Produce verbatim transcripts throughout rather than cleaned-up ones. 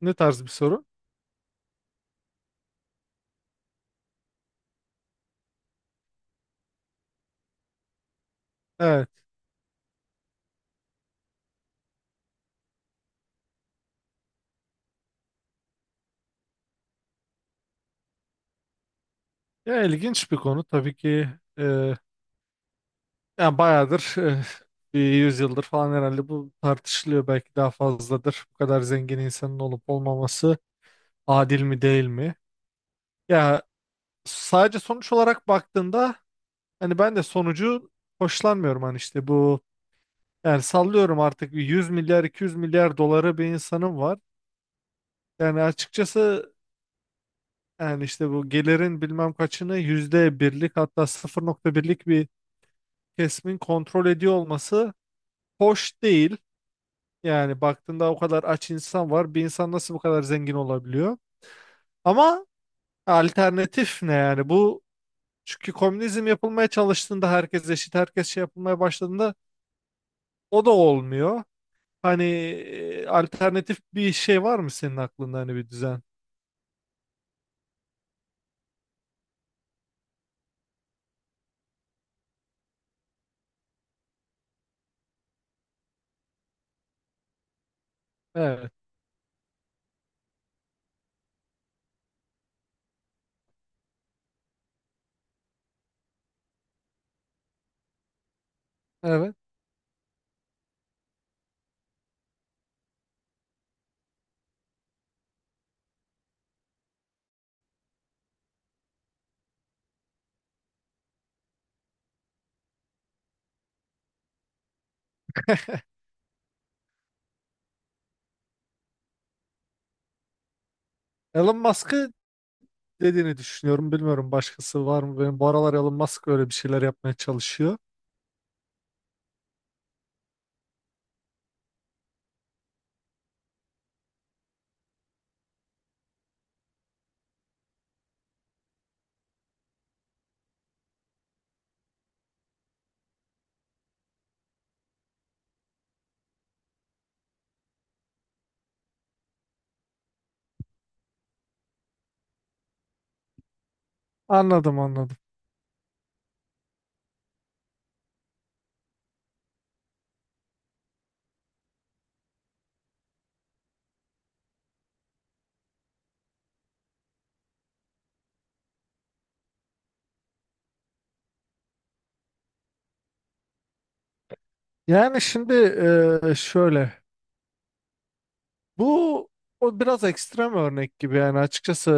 Ne tarz bir soru? Evet. Ya ilginç bir konu tabii ki. E, Yani bayağıdır e, bir yüzyıldır falan herhalde bu tartışılıyor. Belki daha fazladır. Bu kadar zengin insanın olup olmaması adil mi değil mi? Ya sadece sonuç olarak baktığında hani ben de sonucu hoşlanmıyorum hani işte bu yani sallıyorum artık bir yüz milyar iki yüz milyar doları bir insanım var. Yani açıkçası yani işte bu gelirin bilmem kaçını yüzde birlik hatta sıfır nokta birlik bir kesimin kontrol ediyor olması hoş değil. Yani baktığında o kadar aç insan var. Bir insan nasıl bu kadar zengin olabiliyor? Ama alternatif ne yani? Bu çünkü komünizm yapılmaya çalıştığında herkes eşit, herkes şey yapılmaya başladığında o da olmuyor. Hani e, alternatif bir şey var mı senin aklında hani bir düzen? Evet. Evet. Elon Musk'ı dediğini düşünüyorum. Bilmiyorum başkası var mı? Benim bu aralar Elon Musk öyle bir şeyler yapmaya çalışıyor. Anladım anladım. Yani şimdi e, şöyle bu o biraz ekstrem örnek gibi yani açıkçası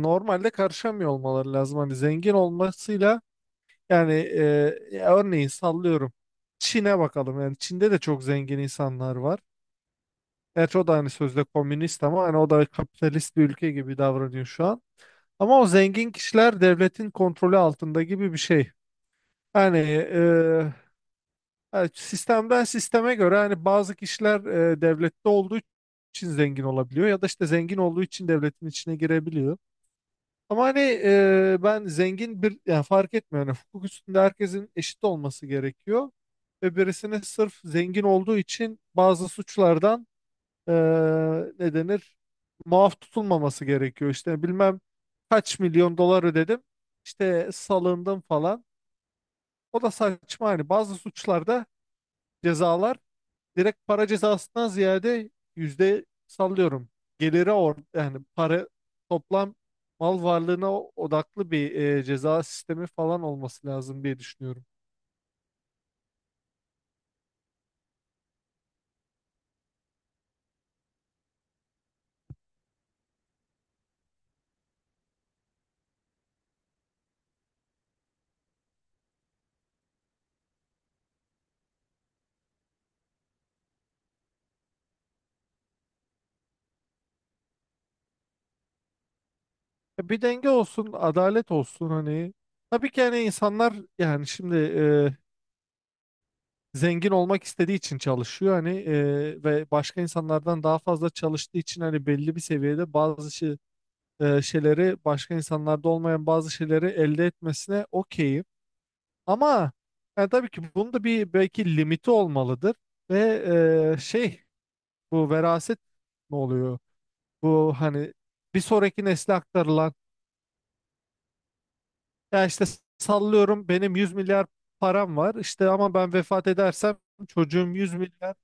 e, normalde karışamıyor olmaları lazım hani zengin olmasıyla yani e, ya örneğin sallıyorum Çin'e bakalım yani Çin'de de çok zengin insanlar var. Gerçi o da hani sözde komünist ama hani o da kapitalist bir ülke gibi davranıyor şu an. Ama o zengin kişiler devletin kontrolü altında gibi bir şey. Yani Yani sistemden sisteme göre hani bazı kişiler e, devlette olduğu için zengin olabiliyor ya da işte zengin olduğu için devletin içine girebiliyor. Ama hani e, ben zengin bir yani fark etmiyor. Yani hukuk üstünde herkesin eşit olması gerekiyor. Ve birisini sırf zengin olduğu için bazı suçlardan e, ne denir muaf tutulmaması gerekiyor. İşte bilmem kaç milyon dolar ödedim işte salındım falan. O da saçma hani bazı suçlarda cezalar direkt para cezasından ziyade yüzde sallıyorum. Geliri or yani para toplam mal varlığına o- odaklı bir e, ceza sistemi falan olması lazım diye düşünüyorum. Ya bir denge olsun, adalet olsun hani. Tabii ki hani insanlar yani şimdi e, zengin olmak istediği için çalışıyor hani e, ve başka insanlardan daha fazla çalıştığı için hani belli bir seviyede bazı şey, e, şeyleri başka insanlarda olmayan bazı şeyleri elde etmesine okeyim. Ama yani tabii ki bunun da bir belki limiti olmalıdır ve e, şey bu veraset ne oluyor? Bu hani bir sonraki nesle aktarılan ya işte sallıyorum benim yüz milyar param var işte ama ben vefat edersem çocuğum yüz milyar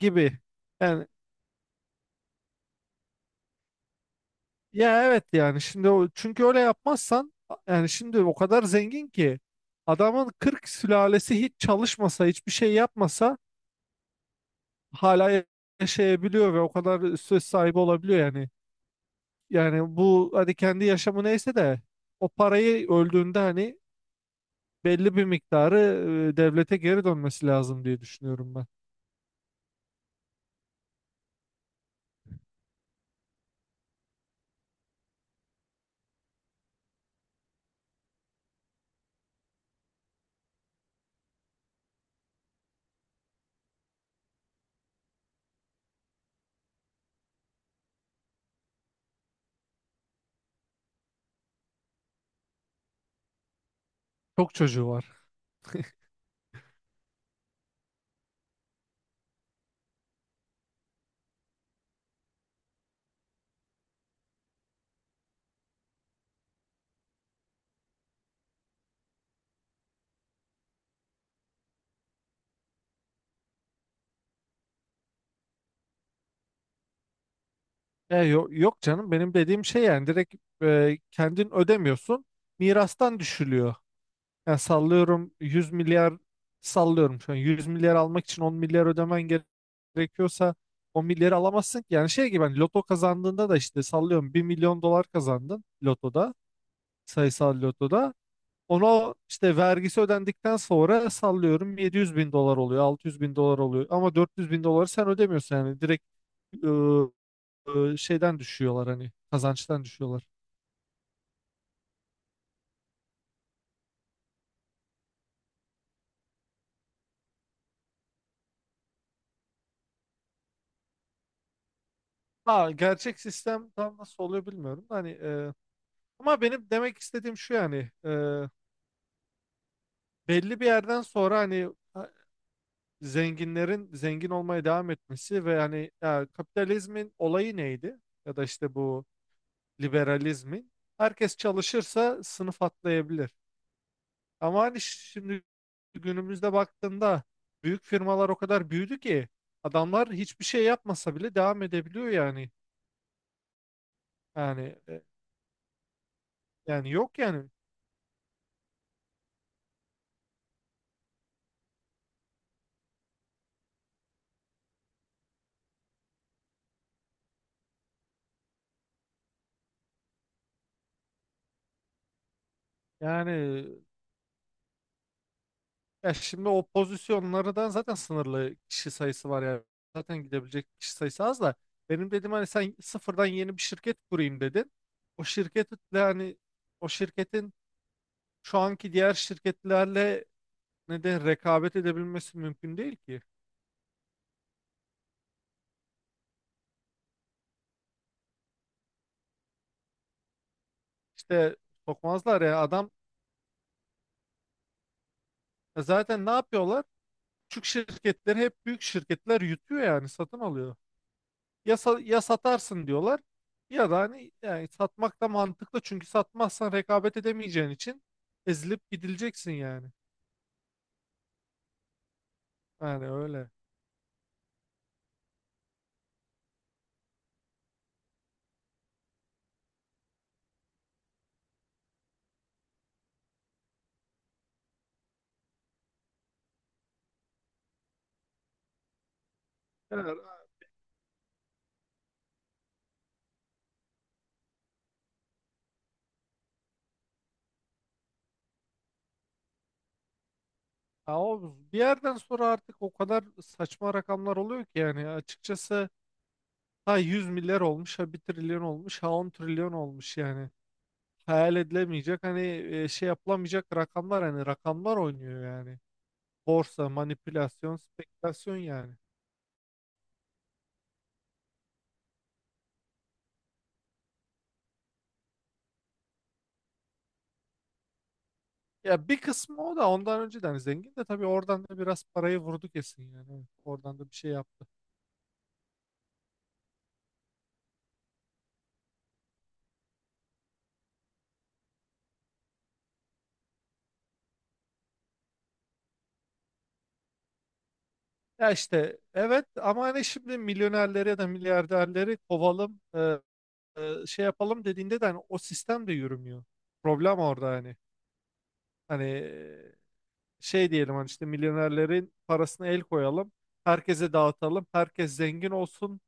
gibi. Yani ya evet yani şimdi o, çünkü öyle yapmazsan yani şimdi o kadar zengin ki adamın kırk sülalesi hiç çalışmasa hiçbir şey yapmasa hala yaşayabiliyor ve o kadar söz sahibi olabiliyor yani. Yani bu hani kendi yaşamı neyse de o parayı öldüğünde hani belli bir miktarı e, devlete geri dönmesi lazım diye düşünüyorum ben. Çok çocuğu var. E, yo- yok canım benim dediğim şey yani direkt e, kendin ödemiyorsun mirastan düşülüyor. Yani sallıyorum yüz milyar sallıyorum şu an yüz milyar almak için on milyar ödemen gere- gerekiyorsa on milyarı alamazsın ki. Yani şey gibi hani loto kazandığında da işte sallıyorum bir milyon dolar kazandın lotoda sayısal lotoda. Ona işte vergisi ödendikten sonra sallıyorum yedi yüz bin dolar oluyor altı yüz bin dolar oluyor ama dört yüz bin doları sen ödemiyorsun yani direkt ıı, ıı, şeyden düşüyorlar hani kazançtan düşüyorlar. Ha, gerçek sistem tam nasıl oluyor bilmiyorum. Hani. Ama benim demek istediğim şu yani e, belli bir yerden sonra hani ha, zenginlerin zengin olmaya devam etmesi ve hani ya, kapitalizmin olayı neydi? Ya da işte bu liberalizmin herkes çalışırsa sınıf atlayabilir. Ama hani şimdi günümüzde baktığında büyük firmalar o kadar büyüdü ki adamlar hiçbir şey yapmasa bile devam edebiliyor yani. Yani e, yani yok yani. Yani ya şimdi o pozisyonlardan zaten sınırlı kişi sayısı var yani. Zaten gidebilecek kişi sayısı az da. Benim dedim hani sen sıfırdan yeni bir şirket kurayım dedin. O şirketle hani o şirketin şu anki diğer şirketlerle neden rekabet edebilmesi mümkün değil ki. İşte sokmazlar ya adam e, zaten ne yapıyorlar? Küçük şirketleri hep büyük şirketler yutuyor yani satın alıyor. Ya, sa- ya satarsın diyorlar ya da hani yani satmak da mantıklı çünkü satmazsan rekabet edemeyeceğin için ezilip gidileceksin yani. Yani öyle. Yani, ha, o bir yerden sonra artık o kadar saçma rakamlar oluyor ki yani açıkçası ha yüz milyar olmuş ha bir trilyon olmuş ha on trilyon olmuş yani. Hayal edilemeyecek hani e, şey yapılamayacak rakamlar hani rakamlar oynuyor yani. Borsa, manipülasyon, spekülasyon yani. Ya bir kısmı o da ondan önceden zengin de tabii oradan da biraz parayı vurdu kesin yani. Evet. Oradan da bir şey yaptı. Ya işte evet ama hani şimdi milyonerleri ya da milyarderleri kovalım e, e, şey yapalım dediğinde de hani o sistem de yürümüyor. Problem orada hani. Hani e, şey diyelim hani işte milyonerlerin parasını el koyalım. Herkese dağıtalım. Herkes zengin olsun.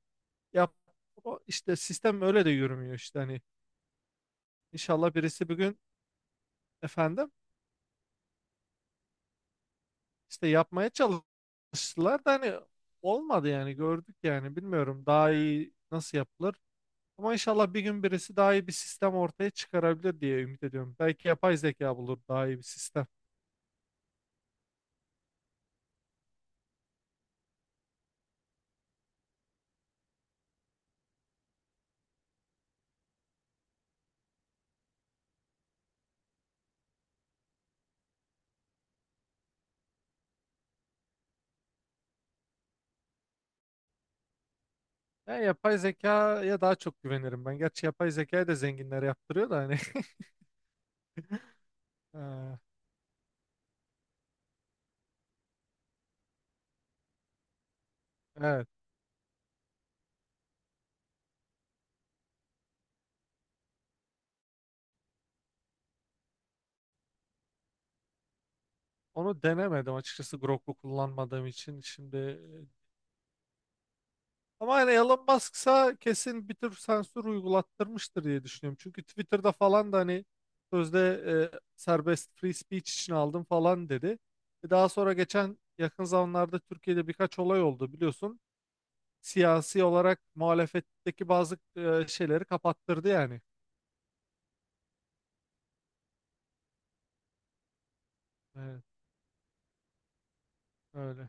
Yap o işte sistem öyle de yürümüyor işte hani. İnşallah birisi bir gün efendim. İşte yapmaya çalıştılar da hani olmadı yani gördük yani bilmiyorum daha iyi nasıl yapılır. Ama inşallah bir gün birisi daha iyi bir sistem ortaya çıkarabilir diye ümit ediyorum. Belki yapay zeka bulur daha iyi bir sistem. Ya yapay zekaya daha çok güvenirim ben. Gerçi yapay zekayı da zenginler yaptırıyor da hani. Ee, Evet. Onu denemedim açıkçası Grok'u kullanmadığım için. Şimdi. Ama yani Elon Musk'sa kesin bir tür sensör uygulattırmıştır diye düşünüyorum. Çünkü Twitter'da falan da hani sözde e, serbest free speech için aldım falan dedi. E daha sonra geçen yakın zamanlarda Türkiye'de birkaç olay oldu biliyorsun. Siyasi olarak muhalefetteki bazı e, şeyleri kapattırdı yani. Evet, öyle.